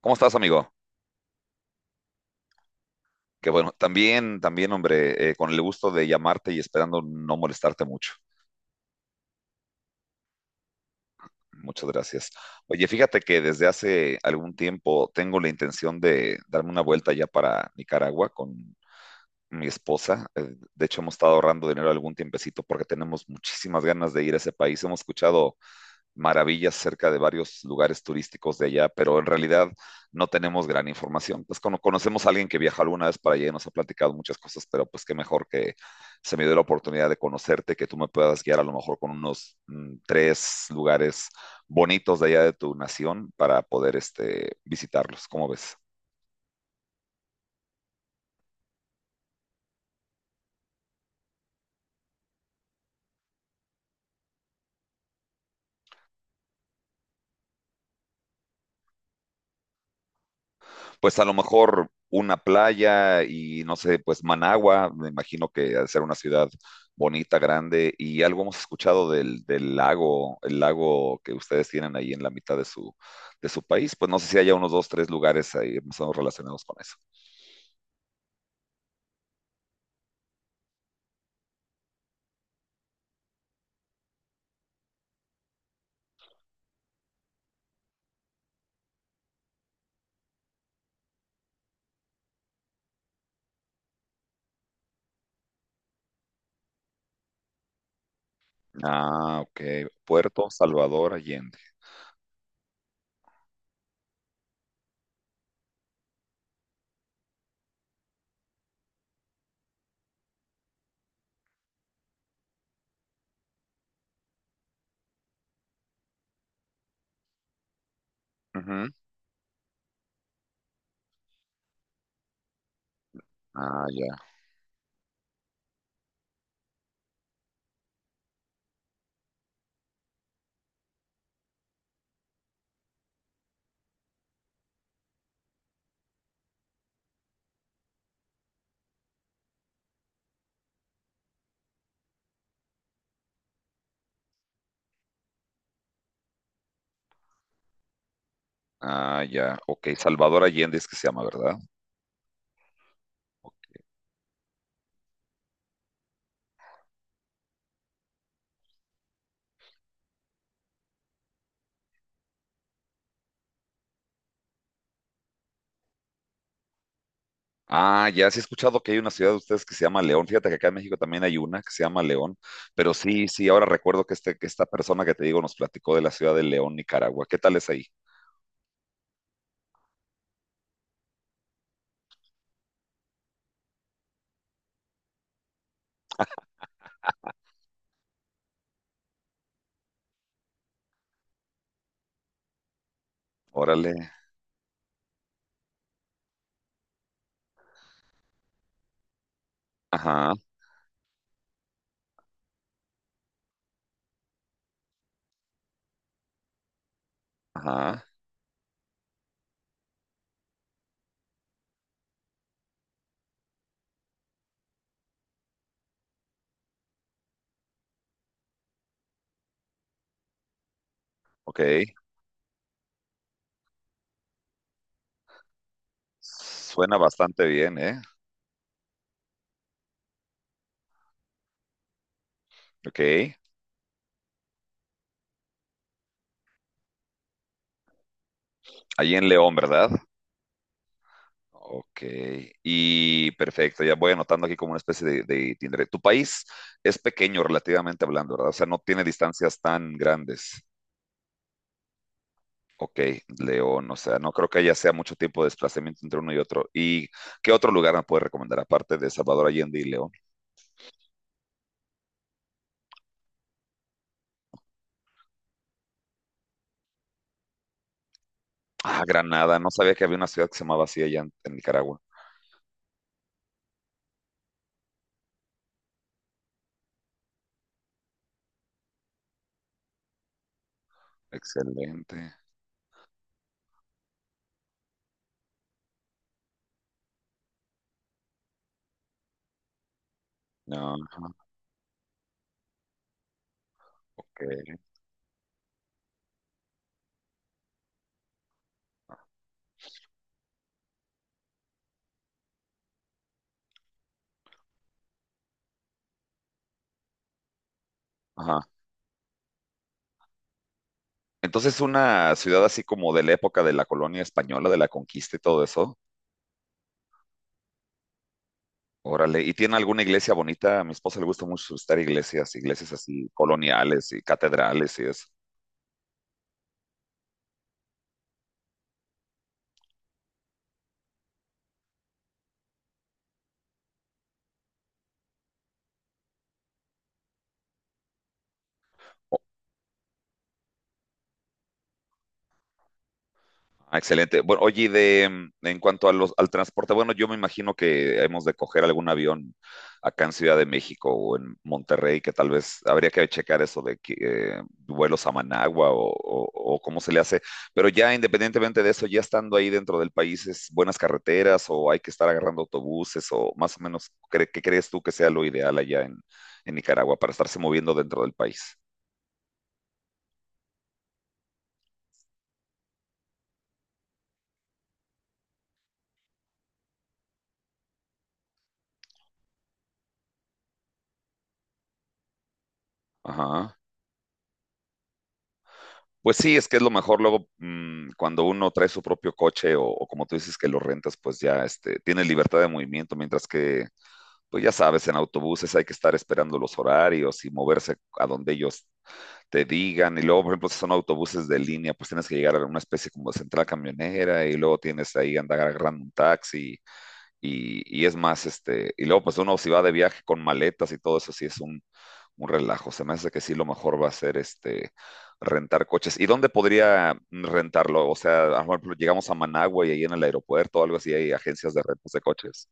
¿Cómo estás, amigo? Que bueno, hombre, con el gusto de llamarte y esperando no molestarte mucho. Muchas gracias. Oye, fíjate que desde hace algún tiempo tengo la intención de darme una vuelta ya para Nicaragua con mi esposa. De hecho, hemos estado ahorrando dinero algún tiempecito porque tenemos muchísimas ganas de ir a ese país. Hemos escuchado maravillas cerca de varios lugares turísticos de allá, pero en realidad no tenemos gran información. Pues cuando conocemos a alguien que viajó alguna vez para allá y nos ha platicado muchas cosas, pero pues qué mejor que se me dio la oportunidad de conocerte, que tú me puedas guiar a lo mejor con unos tres lugares bonitos de allá de tu nación para poder este, visitarlos. ¿Cómo ves? Pues a lo mejor una playa y no sé, pues Managua, me imagino que ha de ser una ciudad bonita, grande, y algo hemos escuchado del lago, el lago que ustedes tienen ahí en la mitad de de su país, pues no sé si haya unos dos, tres lugares ahí más o menos relacionados con eso. Ah, ok. Puerto Salvador Allende. Ujú. Ah, ya. Ah, ya. Ok, Salvador Allende es que se llama, ¿verdad? Ah, ya sí he escuchado que hay una ciudad de ustedes que se llama León. Fíjate que acá en México también hay una que se llama León, pero sí, sí, ahora recuerdo que, este, que esta persona que te digo nos platicó de la ciudad de León, Nicaragua. ¿Qué tal es ahí? Órale. Ajá, ajá, ok. Suena bastante bien, ¿eh? Ok. Ahí en León, ¿verdad? Ok. Y perfecto, ya voy anotando aquí como una especie de itinerario. Tu país es pequeño relativamente hablando, ¿verdad? O sea, no tiene distancias tan grandes. Ok, León, o sea, no creo que haya sea mucho tiempo de desplazamiento entre uno y otro. ¿Y qué otro lugar me puedes recomendar aparte de Salvador Allende y León? Ah, Granada, no sabía que había una ciudad que se llamaba así allá en Nicaragua. Excelente. No, ajá, ok. Ajá. Entonces, una ciudad así como de la época de la colonia española, de la conquista y todo eso. Órale, ¿y tiene alguna iglesia bonita? A mi esposa le gusta mucho visitar iglesias, iglesias así coloniales y catedrales y eso. Ah, excelente. Bueno, oye, y de, en cuanto a los, al transporte, bueno, yo me imagino que hemos de coger algún avión acá en Ciudad de México o en Monterrey, que tal vez habría que checar eso de que, vuelos a Managua o cómo se le hace. Pero ya independientemente de eso, ya estando ahí dentro del país, ¿es buenas carreteras o hay que estar agarrando autobuses o más o menos, cre- ¿qué crees tú que sea lo ideal allá en Nicaragua para estarse moviendo dentro del país? Ajá. Pues sí, es que es lo mejor luego cuando uno trae su propio coche o como tú dices que lo rentas, pues ya este, tiene libertad de movimiento, mientras que, pues ya sabes, en autobuses hay que estar esperando los horarios y moverse a donde ellos te digan. Y luego, por ejemplo, si son autobuses de línea, pues tienes que llegar a una especie como de central camionera y luego tienes ahí andar agarrando un taxi y es más, este, y luego pues uno si va de viaje con maletas y todo eso, sí es un relajo. Se me hace que sí lo mejor va a ser este rentar coches. ¿Y dónde podría rentarlo? O sea, a lo mejor llegamos a Managua y ahí en el aeropuerto o algo así hay agencias de rentas de coches.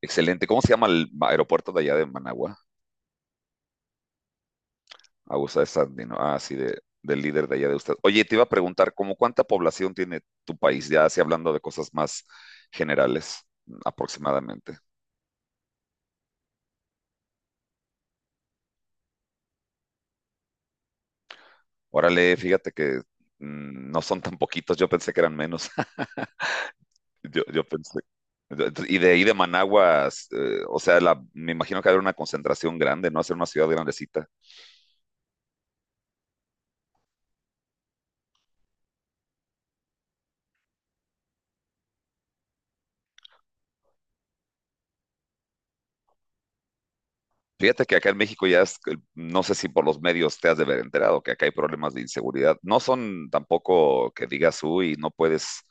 Excelente. ¿Cómo se llama el aeropuerto de allá de Managua? Augusta de Sandino. Ah, sí, de, del líder de allá de usted. Oye, te iba a preguntar, ¿cómo cuánta población tiene tu país? Ya así hablando de cosas más generales, aproximadamente. Órale, fíjate que no son tan poquitos, yo pensé que eran menos. Yo pensé. Y de ahí de Managua, o sea, la, me imagino que habrá una concentración grande, ¿no? Hacer una ciudad grandecita. Fíjate que acá en México ya es, no sé si por los medios te has de haber enterado que acá hay problemas de inseguridad. No son tampoco que digas, uy, no puedes,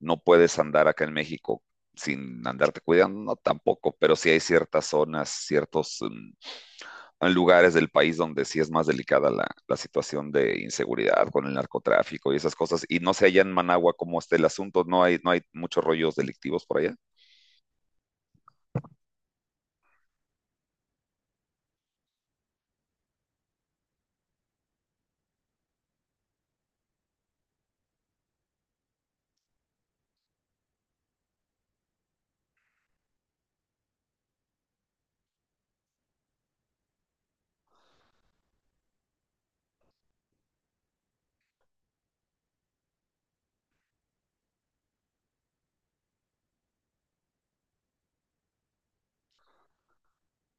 no puedes andar acá en México sin andarte cuidando, no, tampoco, pero sí hay ciertas zonas, ciertos en lugares del país donde sí es más delicada la situación de inseguridad con el narcotráfico y esas cosas. Y no sé allá en Managua cómo está el asunto, no hay, no hay muchos rollos delictivos por allá.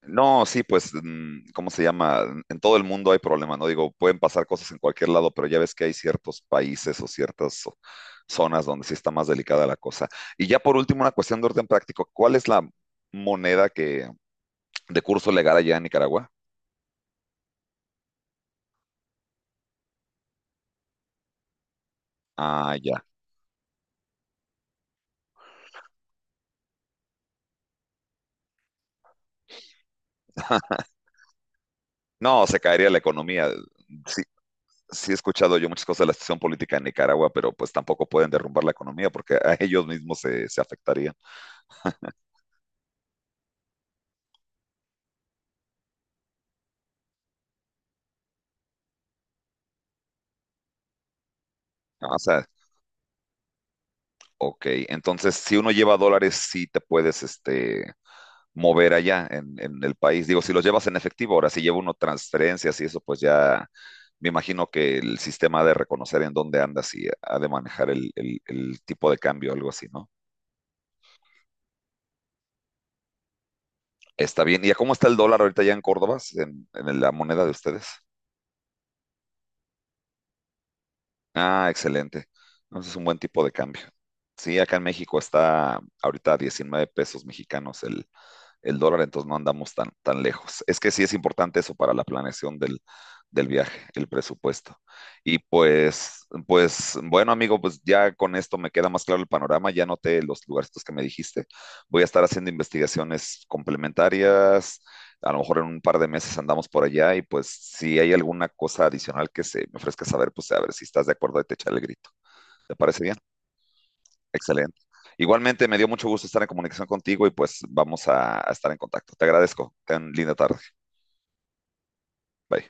No, sí, pues, ¿cómo se llama? En todo el mundo hay problemas, ¿no? Digo, pueden pasar cosas en cualquier lado, pero ya ves que hay ciertos países o ciertas zo- zonas donde sí está más delicada la cosa. Y ya por último, una cuestión de orden práctico. ¿Cuál es la moneda que de curso legal allá en Nicaragua? Ah, ya. No, se caería la economía. Sí he escuchado yo muchas cosas de la situación política en Nicaragua, pero pues tampoco pueden derrumbar la economía porque a ellos mismos se, se afectaría. Ah, o sea, ok, entonces si uno lleva dólares, sí te puedes este, mover allá en el país. Digo, si los llevas en efectivo, ahora si lleva uno transferencias y eso, pues ya me imagino que el sistema ha de reconocer en dónde andas y ha de manejar el tipo de cambio, algo así, ¿no? Está bien. ¿Y a cómo está el dólar ahorita ya en Córdoba, en la moneda de ustedes? Ah, excelente. Entonces es un buen tipo de cambio. Sí, acá en México está ahorita a 19 pesos mexicanos el dólar, entonces no andamos tan, tan lejos. Es que sí es importante eso para la planeación del, del viaje, el presupuesto. Y pues, pues, bueno, amigo, pues ya con esto me queda más claro el panorama, ya noté los lugarcitos que me dijiste. Voy a estar haciendo investigaciones complementarias, a lo mejor en un par de meses andamos por allá y pues si hay alguna cosa adicional que se me ofrezca saber, pues a ver si estás de acuerdo y te echar el grito. ¿Te parece bien? Excelente. Igualmente, me dio mucho gusto estar en comunicación contigo y pues vamos a estar en contacto. Te agradezco. Ten linda tarde. Bye.